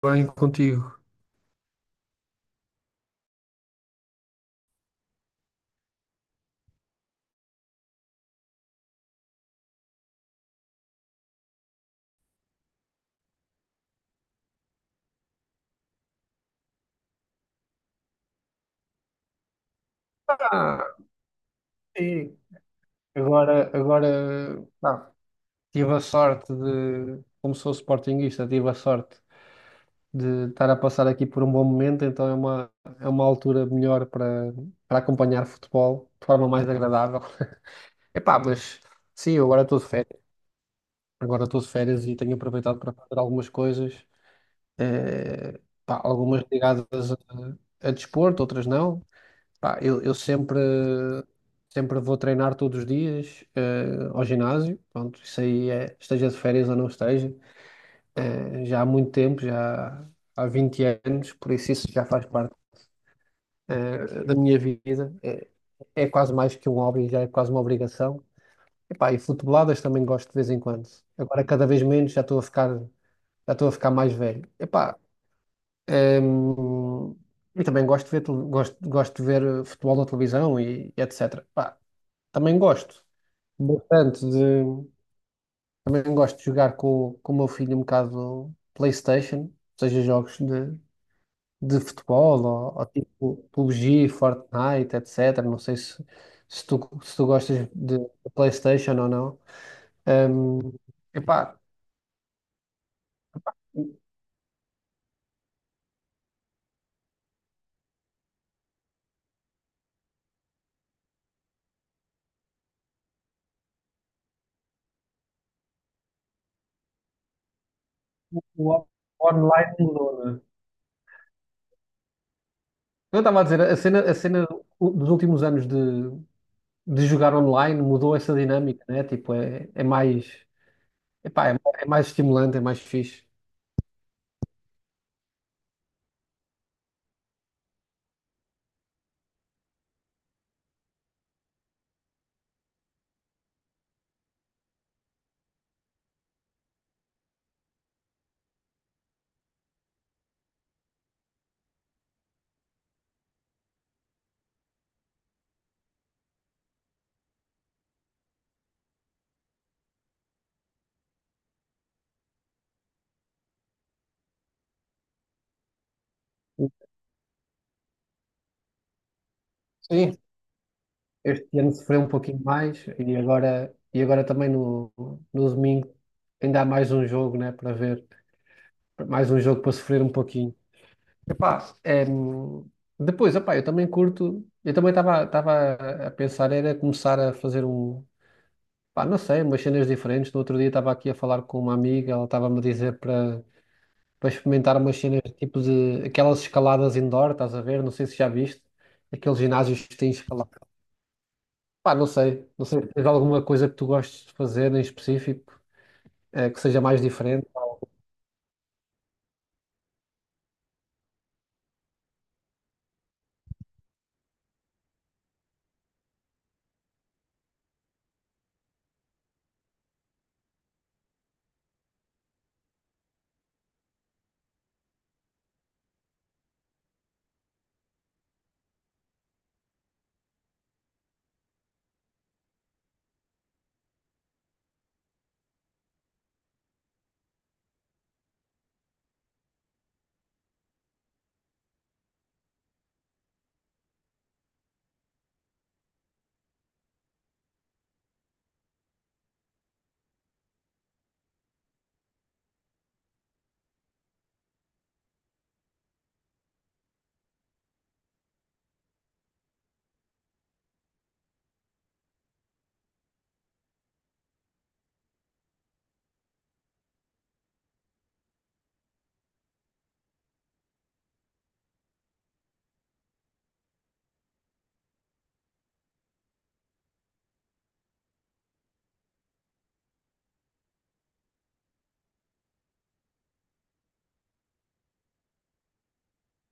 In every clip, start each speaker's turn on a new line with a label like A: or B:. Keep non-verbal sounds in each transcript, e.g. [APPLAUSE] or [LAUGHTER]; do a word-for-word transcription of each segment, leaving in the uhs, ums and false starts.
A: Bem contigo. Ah, sim. Agora, agora, pá, tive a sorte de, como sou sportinguista, tive a sorte de estar a passar aqui por um bom momento, então é uma, é uma altura melhor para, para acompanhar futebol de forma mais agradável. [LAUGHS] Epá, mas sim, eu agora estou de férias, agora estou de férias e tenho aproveitado para fazer algumas coisas, eh, pá, algumas ligadas a, a desporto, outras não. Pá, eu, eu sempre, sempre vou treinar todos os dias, eh, ao ginásio. Pronto, isso aí é, esteja de férias ou não esteja. Eh, já há muito tempo, já há vinte anos, por isso isso já faz parte, eh, da minha vida. É, é quase mais que um hobby, já é quase uma obrigação. E, pá, e futeboladas também gosto de vez em quando. Agora cada vez menos, já estou a ficar, já estou a ficar mais velho. E, pá, ehm, e também gosto de ver, tele- gosto, gosto de ver eh, futebol na televisão e, e etecetera. Pá, também gosto bastante de. Também gosto de jogar com, com o meu filho um bocado PlayStation, seja jogos de, de futebol ou, ou tipo P U B G, Fortnite, etecetera. Não sei se, se tu, se tu gostas de, de PlayStation ou não. Hum, epá, o o online mudou, né? Eu estava a dizer, a cena, a cena dos últimos anos de, de jogar online mudou essa dinâmica, né? Tipo, é, é mais. Epá, é, é mais estimulante, é mais fixe. Sim, este ano sofreu um pouquinho mais e agora, e agora também no, no domingo ainda há mais um jogo, né, para ver, mais um jogo para sofrer um pouquinho. Epá, é, hum, depois, epá, eu também curto, eu também estava estava a a pensar, era começar a fazer um, pá, não sei, umas cenas diferentes. No outro dia estava aqui a falar com uma amiga, ela estava-me a dizer para para experimentar umas cenas tipo de aquelas escaladas indoor, estás a ver? Não sei se já viste, aqueles ginásios que têm escalada. Pá, não sei. Não sei se tens alguma coisa que tu gostes de fazer em específico, eh, que seja mais diferente.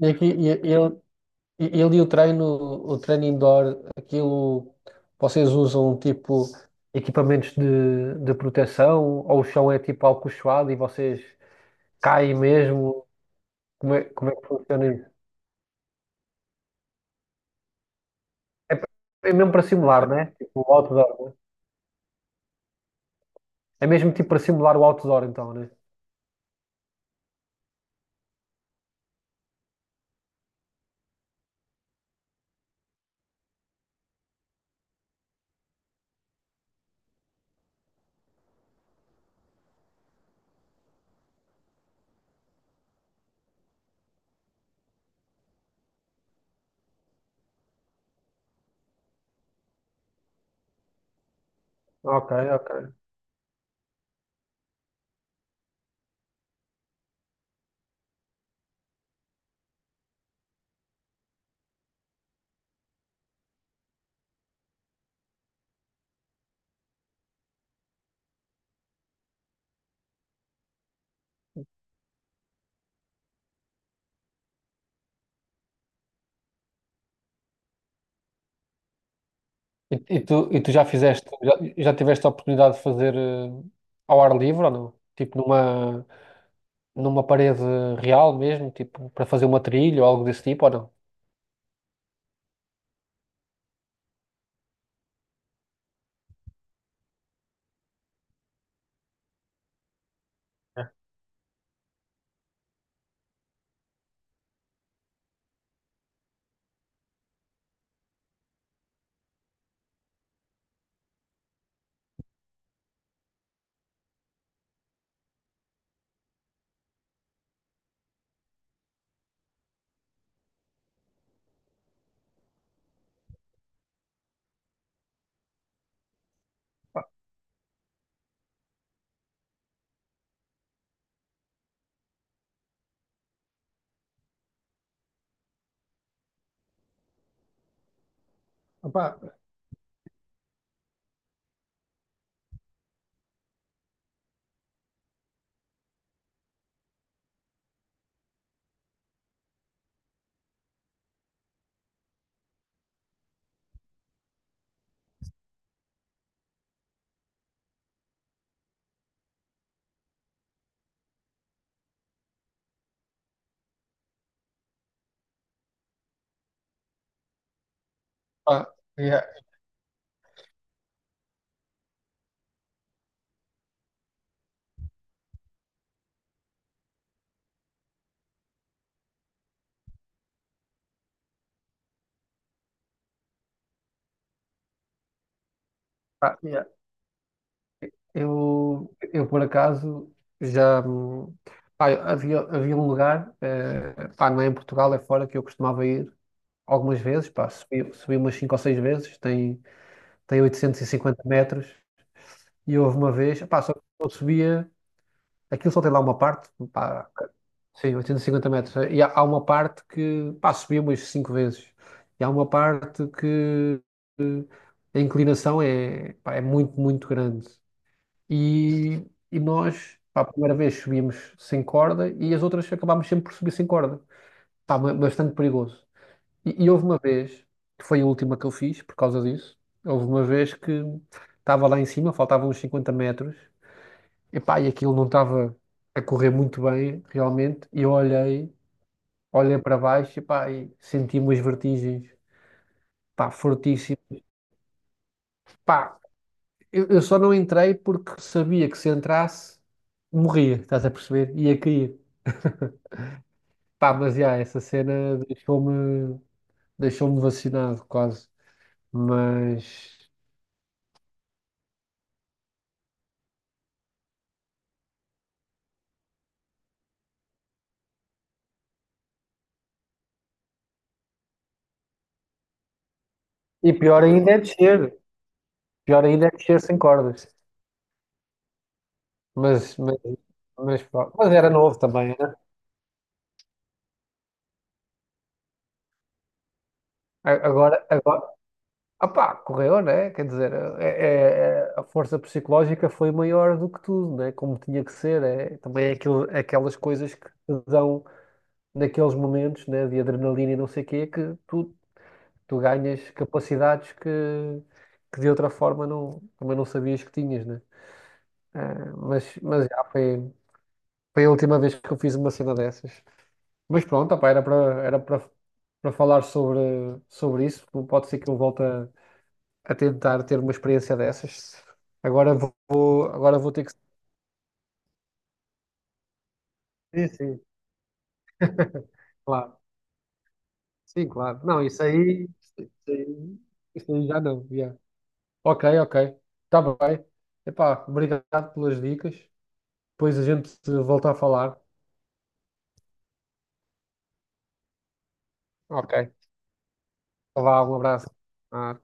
A: E aqui, e- ele, e- ele e o treino, o treino indoor, aquilo, vocês usam tipo equipamentos de, de proteção ou o chão é tipo alcochoado e vocês caem mesmo? Como é, como é que funciona isso? É, é mesmo para simular, né? Tipo o outdoor. É mesmo tipo para simular o outdoor, então, né? Ok, ok. E, e tu, e tu já fizeste, já, já tiveste a oportunidade de fazer eh, ao ar livre ou não? Tipo numa, numa parede real mesmo, tipo para fazer uma trilha ou algo desse tipo ou não? Opa, ah, yeah, ah, yeah. Eu, eu por acaso já hum, pá, havia, havia um lugar, eh, pá, não é em Portugal, é fora que eu costumava ir algumas vezes, pá, subi, subi umas cinco ou seis vezes, tem, tem oitocentos e cinquenta metros, e houve uma vez, pá, só que eu subia. Aquilo só tem lá uma parte, pá, sim, oitocentos e cinquenta metros. E há, há uma parte que, pá, subi umas cinco vezes. E há uma parte que eh, a inclinação é, pá, é muito, muito grande. E, e nós, pá, a primeira vez subimos sem corda e as outras acabámos sempre por subir sem corda. Pá, ba- bastante perigoso. E, e houve uma vez, que foi a última que eu fiz por causa disso, houve uma vez que estava lá em cima, faltavam uns cinquenta metros. Epá, e aquilo não estava a correr muito bem, realmente. E eu olhei, olhei para baixo, epá, e senti umas vertigens, pá, fortíssimas. Pá, eu, eu só não entrei porque sabia que se entrasse, morria, estás a perceber? Ia cair. Pá, mas já, essa cena deixou-me deixou-me vacinado quase. Mas... E pior ainda é descer. Pior ainda é descer sem cordas. Mas, mas, mas, pá, mas era novo também, né? A- Agora, agora, ah pá, correu, né? Quer dizer, é- é- é- a força psicológica foi maior do que tudo, né? Como tinha que ser. É, também é aquilo- aquelas coisas que te dão naqueles momentos, né? De adrenalina e não sei o quê, que tu, tu ganhas capacidades que, que de outra forma não, também não sabias que tinhas, né? É, mas, mas já foi, foi a última vez que eu fiz uma cena dessas. Mas pronto, opá, era para era para para falar sobre, sobre isso. Pode ser que eu volte a a tentar ter uma experiência dessas. Agora vou, agora vou ter que. Sim, sim, claro. Sim, claro. Não, isso aí, isso aí, isso aí já não. já. Ok, ok. Está bem. Epá, obrigado pelas dicas. Depois a gente volta a falar. Ok. Vá, um abraço. Ah,